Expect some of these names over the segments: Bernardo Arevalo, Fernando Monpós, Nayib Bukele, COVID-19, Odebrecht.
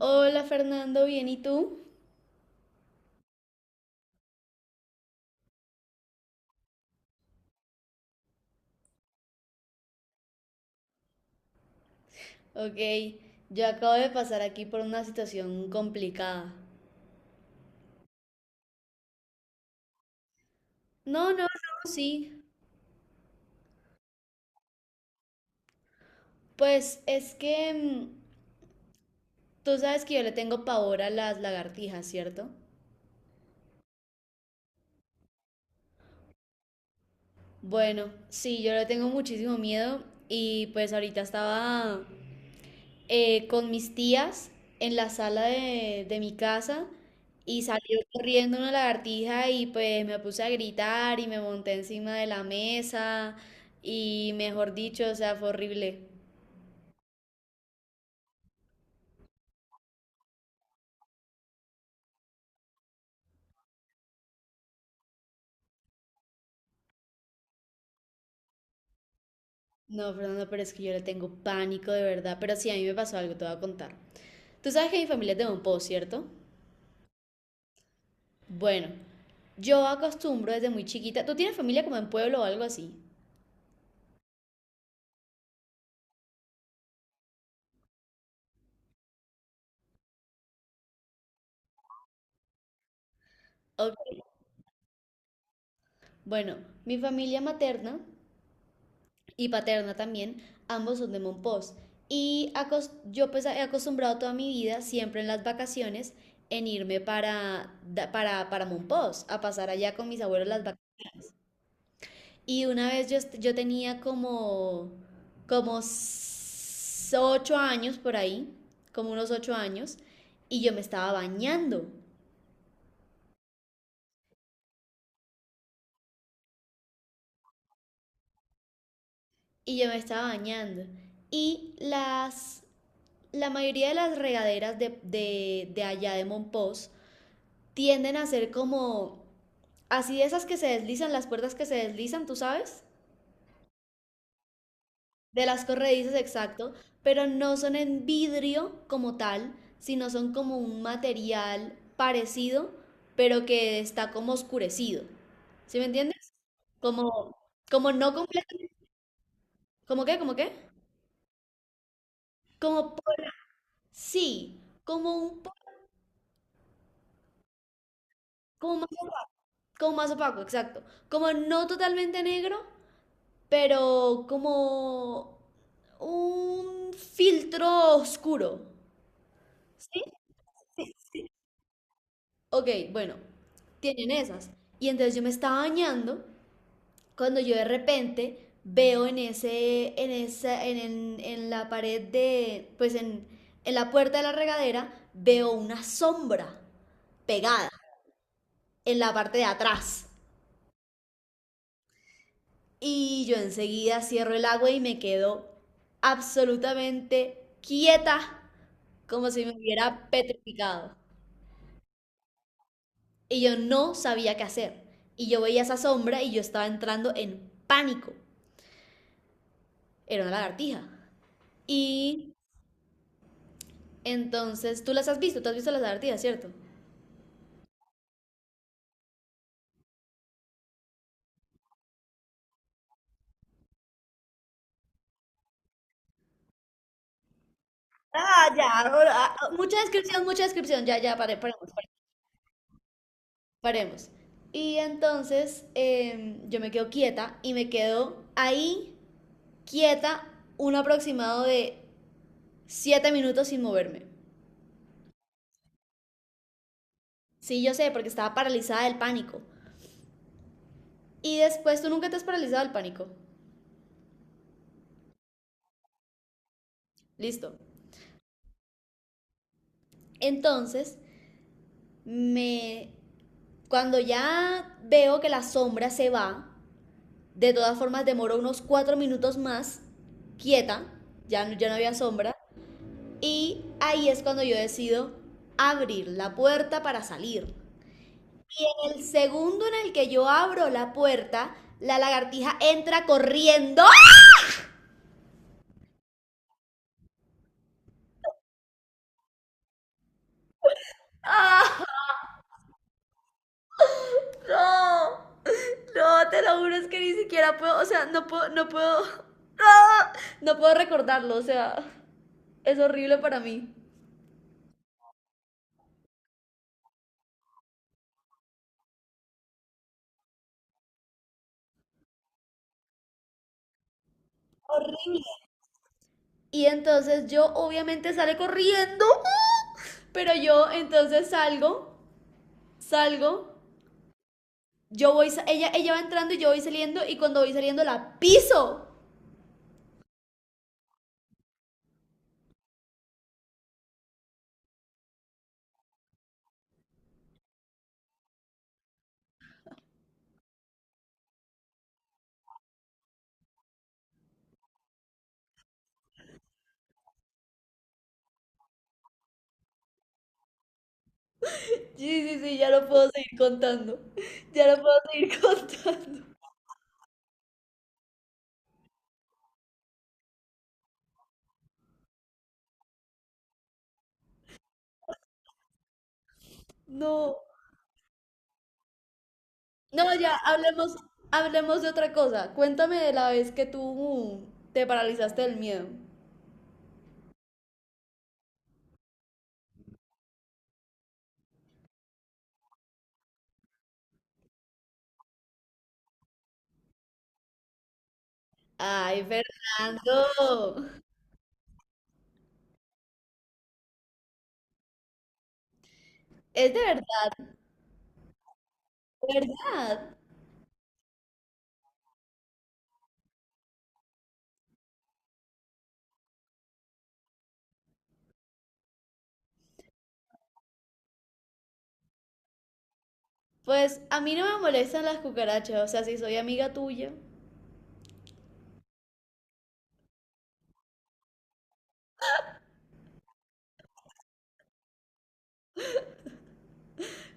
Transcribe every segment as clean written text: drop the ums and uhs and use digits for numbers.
Hola Fernando, ¿bien y tú? Ok, yo acabo de pasar aquí por una situación complicada. No, no, no, sí. Pues es que tú sabes que yo le tengo pavor a las lagartijas, ¿cierto? Bueno, sí, yo le tengo muchísimo miedo y pues ahorita estaba con mis tías en la sala de mi casa y salió corriendo una lagartija y pues me puse a gritar y me monté encima de la mesa y mejor dicho, o sea, fue horrible. No, Fernando, pero es que yo le tengo pánico de verdad, pero sí, a mí me pasó algo, te voy a contar. Tú sabes que mi familia es de Monpó, ¿cierto? Bueno, yo acostumbro desde muy chiquita. ¿Tú tienes familia como en pueblo o algo así? Ok. Bueno, mi familia materna y paterna también, ambos son de Monpós. Y yo pues he acostumbrado toda mi vida, siempre en las vacaciones, en irme para Monpós, a pasar allá con mis abuelos las vacaciones. Y una vez yo tenía como, 8 años por ahí, como unos 8 años, y yo me estaba bañando, y yo me estaba bañando. Y la mayoría de las regaderas de allá de Monpós tienden a ser como así de esas que se deslizan, las puertas que se deslizan, ¿tú sabes? De las corredizas, exacto, pero no son en vidrio como tal, sino son como un material parecido, pero que está como oscurecido. ¿Sí me entiendes? Como, como no completamente, ¿como qué? ¿Como qué? Como por, sí, como más, opaco, como más opaco, exacto. Como no totalmente negro, pero como un filtro oscuro. ¿Sí? Ok, bueno, tienen esas. Y entonces yo me estaba bañando cuando yo de repente veo en ese, en esa, en la pared de, pues en la puerta de la regadera, veo una sombra pegada en la parte de atrás. Y yo enseguida cierro el agua y me quedo absolutamente quieta como si me hubiera petrificado. Y yo no sabía qué hacer. Y yo veía esa sombra y yo estaba entrando en pánico. Era una lagartija. Y entonces, tú has visto las lagartijas, ¿cierto? Ah, ya, ahora, ah, mucha descripción, ya, ya, paremos, paremos. Y entonces yo me quedo quieta y me quedo ahí quieta un aproximado de 7 minutos sin moverme. Sí, yo sé, porque estaba paralizada del pánico. Y después tú nunca te has paralizado el pánico. Listo. Entonces, me cuando ya veo que la sombra se va, de todas formas demoro unos 4 minutos más quieta, ya no, ya no había sombra, y ahí es cuando yo decido abrir la puerta para salir. En el segundo en el que yo abro la puerta, la lagartija entra corriendo. ¡Ah! No, no, te lo juro, es que ni siquiera puedo, o sea, no, no puedo recordarlo, o sea, es horrible para mí. Y entonces yo obviamente sale corriendo, pero yo entonces salgo, yo voy, ella va entrando y yo voy saliendo y cuando voy saliendo la piso. Sí, sí, sí, ya no puedo seguir contando, ya no puedo seguir contando. No. No, ya hablemos, hablemos de otra cosa. Cuéntame de la vez que tú te paralizaste del miedo. Ay, Fernando. Es de verdad, de verdad. Pues a mí no me molestan las cucarachas, o sea, si soy amiga tuya.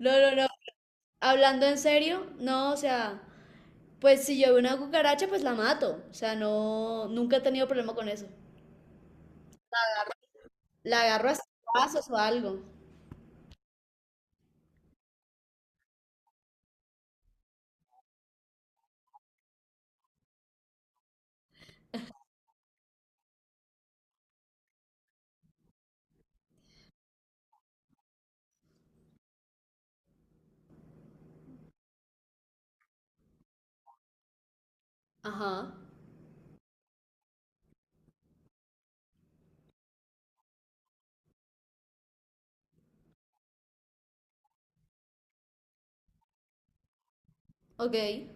No, no, no. Hablando en serio, no, o sea, pues si yo veo una cucaracha, pues la mato. O sea, no, nunca he tenido problema con eso. La agarro a pasos o algo. Ajá, ok.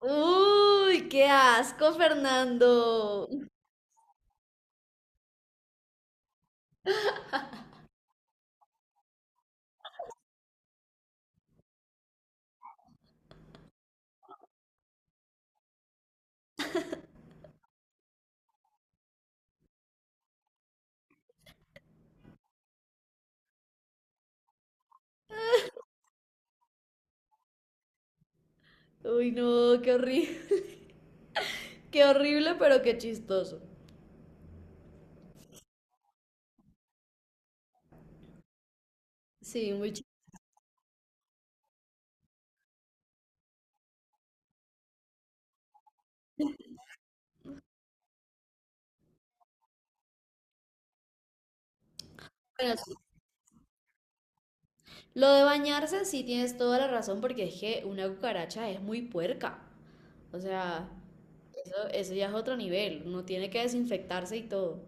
Uy, qué asco, Fernando. Uy, no, qué horrible. Qué horrible, pero qué chistoso. Sí, muy chistoso. Bueno, sí. Lo de bañarse, sí tienes toda la razón, porque es que una cucaracha es muy puerca. O sea, eso ya es otro nivel. Uno tiene que desinfectarse y todo.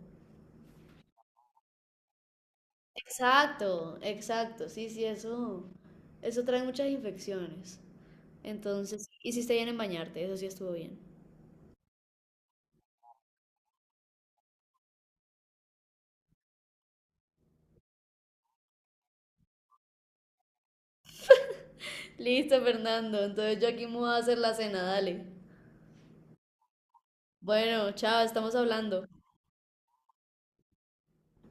Exacto, exacto. Sí, sí, eso. Eso trae muchas infecciones. Entonces, hiciste bien en bañarte, eso sí estuvo bien. Listo, Fernando. Entonces yo aquí me voy a hacer la cena, dale. Bueno, chao, estamos hablando.